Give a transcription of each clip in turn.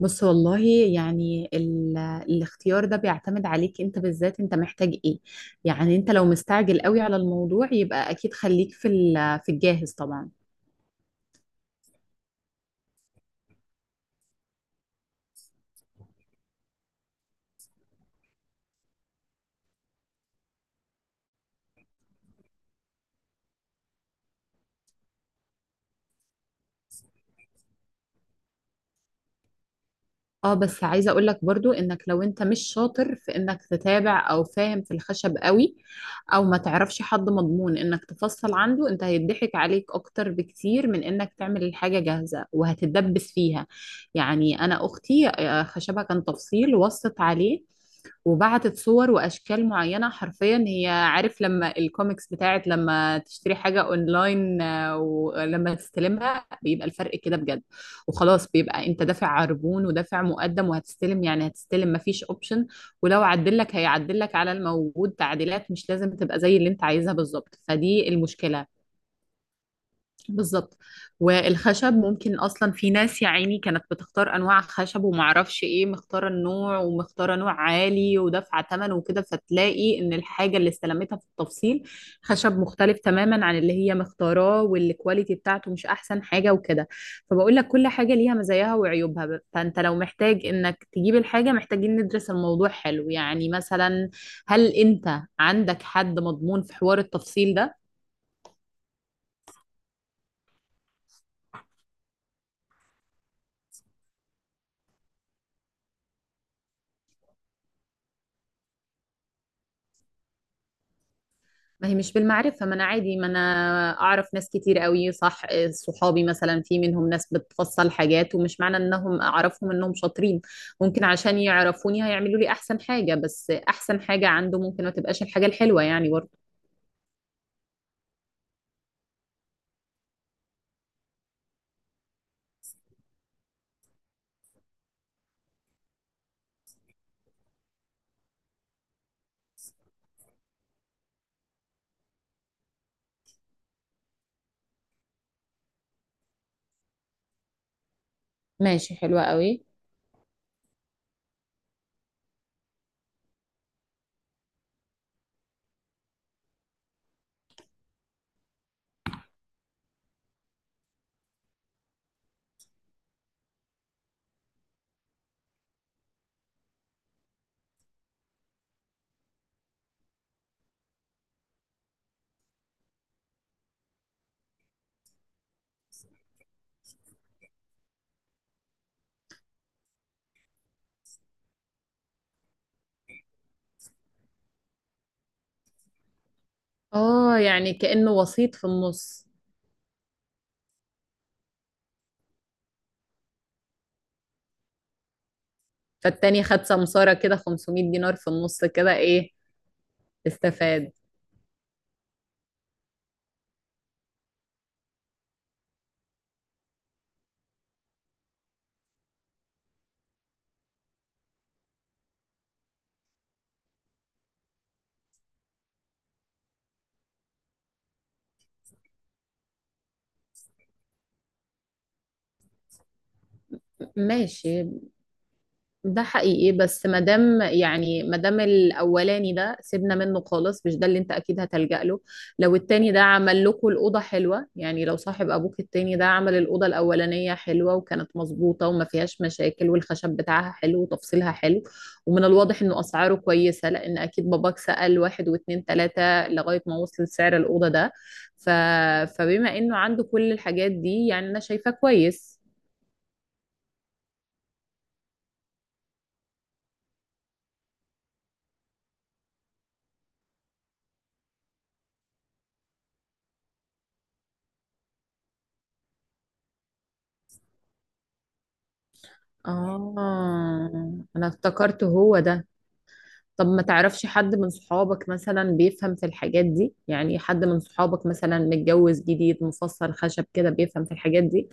بص والله، يعني الاختيار ده بيعتمد عليك انت، بالذات انت محتاج ايه؟ يعني انت لو مستعجل قوي على الموضوع يبقى اكيد خليك في الجاهز طبعا. اه، بس عايزه اقول لك برضو، انك لو انت مش شاطر في انك تتابع او فاهم في الخشب قوي، او ما تعرفش حد مضمون انك تفصل عنده، انت هيضحك عليك اكتر بكتير من انك تعمل الحاجه جاهزه وهتتدبس فيها. يعني انا اختي، خشبها كان تفصيل، وصت عليه وبعتت صور واشكال معينه، حرفيا هي عارف لما الكوميكس بتاعت لما تشتري حاجه اونلاين، ولما تستلمها بيبقى الفرق كده بجد. وخلاص بيبقى انت دافع عربون ودافع مقدم وهتستلم، يعني هتستلم، مفيش اوبشن. ولو عدلك هيعدلك على الموجود، تعديلات مش لازم تبقى زي اللي انت عايزها بالظبط، فدي المشكله. بالظبط. والخشب ممكن اصلا، في ناس يا عيني كانت بتختار انواع خشب، ومعرفش ايه، مختاره النوع ومختاره نوع عالي ودافعه ثمن وكده، فتلاقي ان الحاجه اللي استلمتها في التفصيل خشب مختلف تماما عن اللي هي مختاراه، والكواليتي بتاعته مش احسن حاجه وكده. فبقول لك كل حاجه ليها مزاياها وعيوبها. فانت لو محتاج انك تجيب الحاجه، محتاجين ندرس الموضوع حلو، يعني مثلا، هل انت عندك حد مضمون في حوار التفصيل ده؟ ما هي مش بالمعرفة، ما أنا عادي، ما أنا أعرف ناس كتير قوي، صح. صحابي مثلا، في منهم ناس بتفصل حاجات، ومش معنى إنهم أعرفهم إنهم شاطرين. ممكن عشان يعرفوني هيعملوا لي أحسن حاجة، بس أحسن حاجة عنده ممكن ما تبقاش الحاجة الحلوة يعني برضه. ماشي، حلوة قوي. آه، يعني كأنه وسيط في النص. فالتاني خد سمسارة كده 500 دينار في النص كده، إيه. استفاد. ماشي. ده حقيقي، بس مادام الاولاني ده سيبنا منه خالص، مش ده اللي انت اكيد هتلجأ له. لو التاني ده عمل لكم الاوضه حلوه، يعني لو صاحب ابوك التاني ده عمل الاوضه الاولانيه حلوه، وكانت مظبوطه وما فيهاش مشاكل، والخشب بتاعها حلو وتفصيلها حلو، ومن الواضح انه اسعاره كويسه، لان اكيد باباك سأل واحد واتنين تلاته لغايه ما وصل سعر الاوضه ده. ف... فبما انه عنده كل الحاجات دي، يعني انا شايفاه كويس. اه، انا افتكرت هو ده. طب ما تعرفش حد من صحابك مثلا بيفهم في الحاجات دي؟ يعني حد من صحابك مثلا متجوز جديد، مفصل خشب كده، بيفهم في الحاجات دي.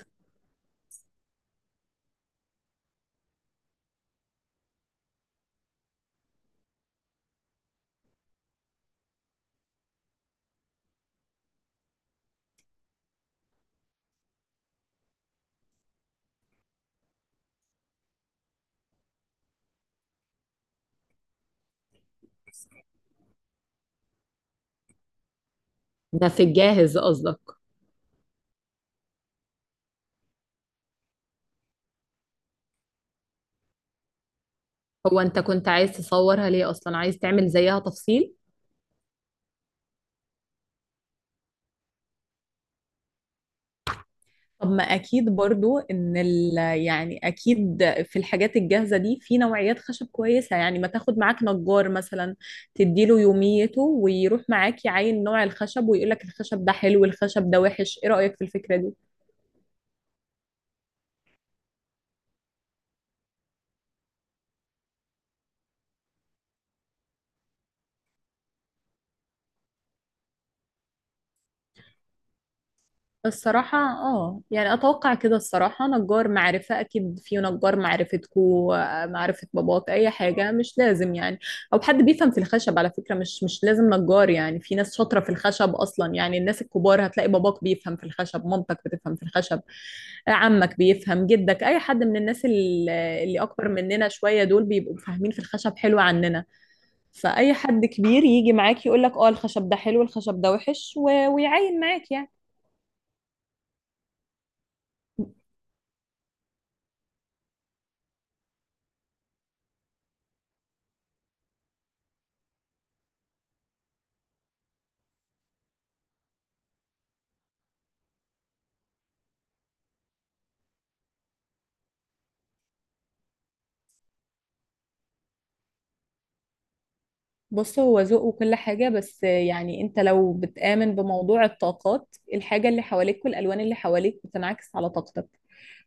ده في الجاهز قصدك؟ هو انت كنت عايز تصورها ليه اصلا؟ عايز تعمل زيها تفصيل؟ طب ما اكيد برضو، ان ال يعني اكيد في الحاجات الجاهزه دي في نوعيات خشب كويسه، يعني ما تاخد معاك نجار مثلا، تديله يوميته ويروح معاك يعاين نوع الخشب، ويقول لك الخشب ده حلو الخشب ده وحش، ايه رايك في الفكره دي؟ الصراحة اه، يعني اتوقع كده الصراحة، نجار معرفة اكيد، في نجار معرفتكو، معرفة باباك، اي حاجة، مش لازم يعني. او حد بيفهم في الخشب على فكرة، مش لازم نجار يعني، في ناس شاطرة في الخشب اصلا، يعني الناس الكبار، هتلاقي باباك بيفهم في الخشب، مامتك بتفهم في الخشب، عمك بيفهم، جدك، اي حد من الناس اللي اكبر مننا شوية، دول بيبقوا فاهمين في الخشب حلو عننا. فأي حد كبير يجي معاك يقولك اه الخشب ده حلو الخشب ده وحش، ويعاين معاك يعني. بص، هو ذوق وكل حاجة، بس يعني انت لو بتآمن بموضوع الطاقات، الحاجة اللي حواليك والألوان اللي حواليك بتنعكس على طاقتك.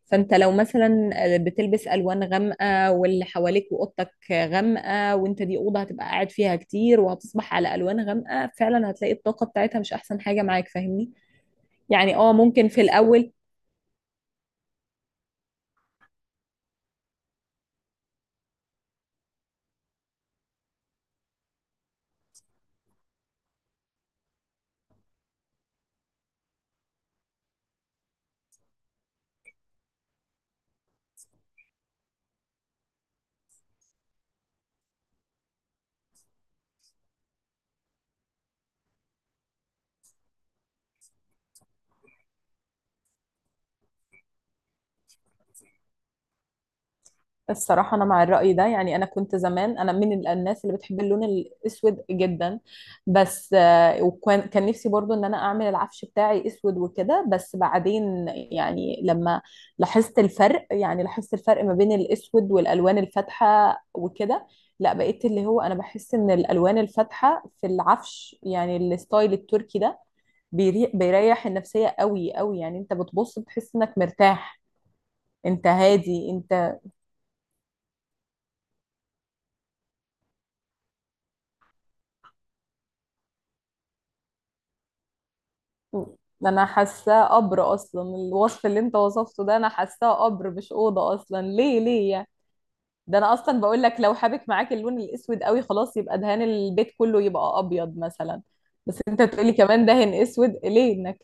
فانت لو مثلا بتلبس ألوان غامقة، واللي حواليك وأوضتك غامقة، وانت دي أوضة هتبقى قاعد فيها كتير وهتصبح على ألوان غامقة، فعلا هتلاقي الطاقة بتاعتها مش أحسن حاجة معاك، فاهمني. يعني اه، ممكن في الأول. الصراحة أنا مع الرأي ده، يعني أنا كنت زمان، أنا من الناس اللي بتحب اللون الأسود جدا، بس وكان نفسي برضو إن أنا أعمل العفش بتاعي أسود وكده، بس بعدين يعني لما لاحظت الفرق، يعني لاحظت الفرق ما بين الأسود والألوان الفاتحة وكده، لا، بقيت اللي هو أنا بحس إن الألوان الفاتحة في العفش، يعني الستايل التركي ده بيريح النفسية قوي قوي، يعني أنت بتبص بتحس إنك مرتاح. انت هادي انت. ده انا حاساه قبر اصلا، الوصف اللي انت وصفته ده انا حاساه قبر مش اوضه اصلا، ليه ليه يعني؟ ده انا اصلا بقول لك، لو حابك معاك اللون الاسود قوي، خلاص يبقى دهان البيت كله يبقى ابيض مثلا، بس انت تقولي كمان دهن اسود، ليه انك؟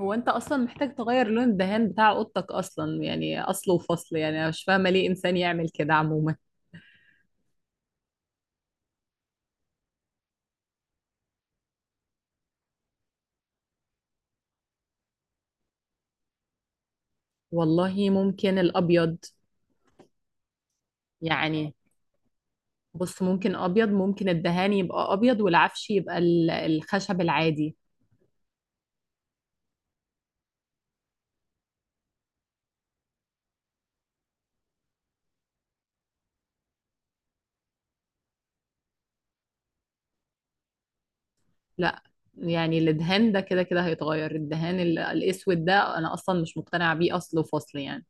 هو انت اصلا محتاج تغير لون الدهان بتاع اوضتك اصلا، يعني اصل وفصل، يعني انا مش فاهمه ليه انسان يعمل كده عموما. والله ممكن الابيض. يعني بص، ممكن ابيض، ممكن الدهان يبقى ابيض والعفش يبقى الخشب العادي. لا، يعني الدهان ده كده كده هيتغير، الدهان الاسود ده انا اصلا مش مقتنعه بيه، اصل وفصل يعني.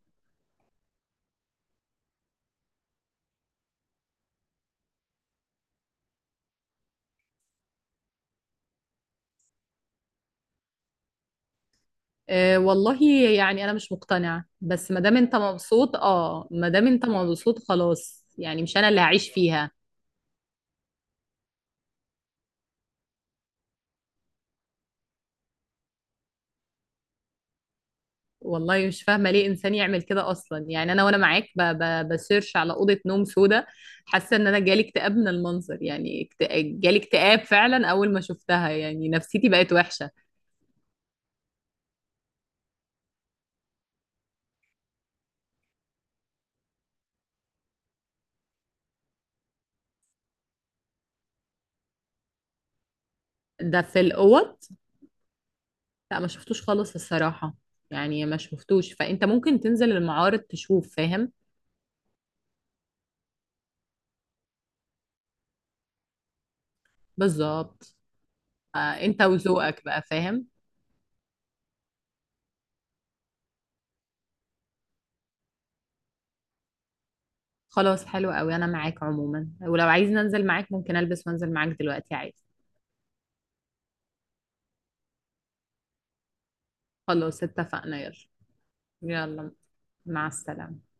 أه والله. يعني انا مش مقتنعه، بس ما دام انت مبسوط، خلاص، يعني مش انا اللي هعيش فيها. والله مش فاهمه ليه انسان يعمل كده اصلا، يعني انا وانا معاك بسيرش على اوضه نوم سودا، حاسه ان انا جالي اكتئاب من المنظر، يعني جالي اكتئاب فعلا اول ما شفتها، يعني نفسيتي بقت وحشه. ده في الاوض؟ لا، ما شفتوش خالص الصراحة، يعني ما شفتوش، فانت ممكن تنزل المعارض تشوف، فاهم. بالظبط. آه، انت وذوقك بقى، فاهم. خلاص، حلو قوي، انا معاك عموما، ولو عايز ننزل معاك ممكن البس وانزل معاك دلوقتي عادي. خلاص اتفقنا، يلا. يلا، مع السلامة.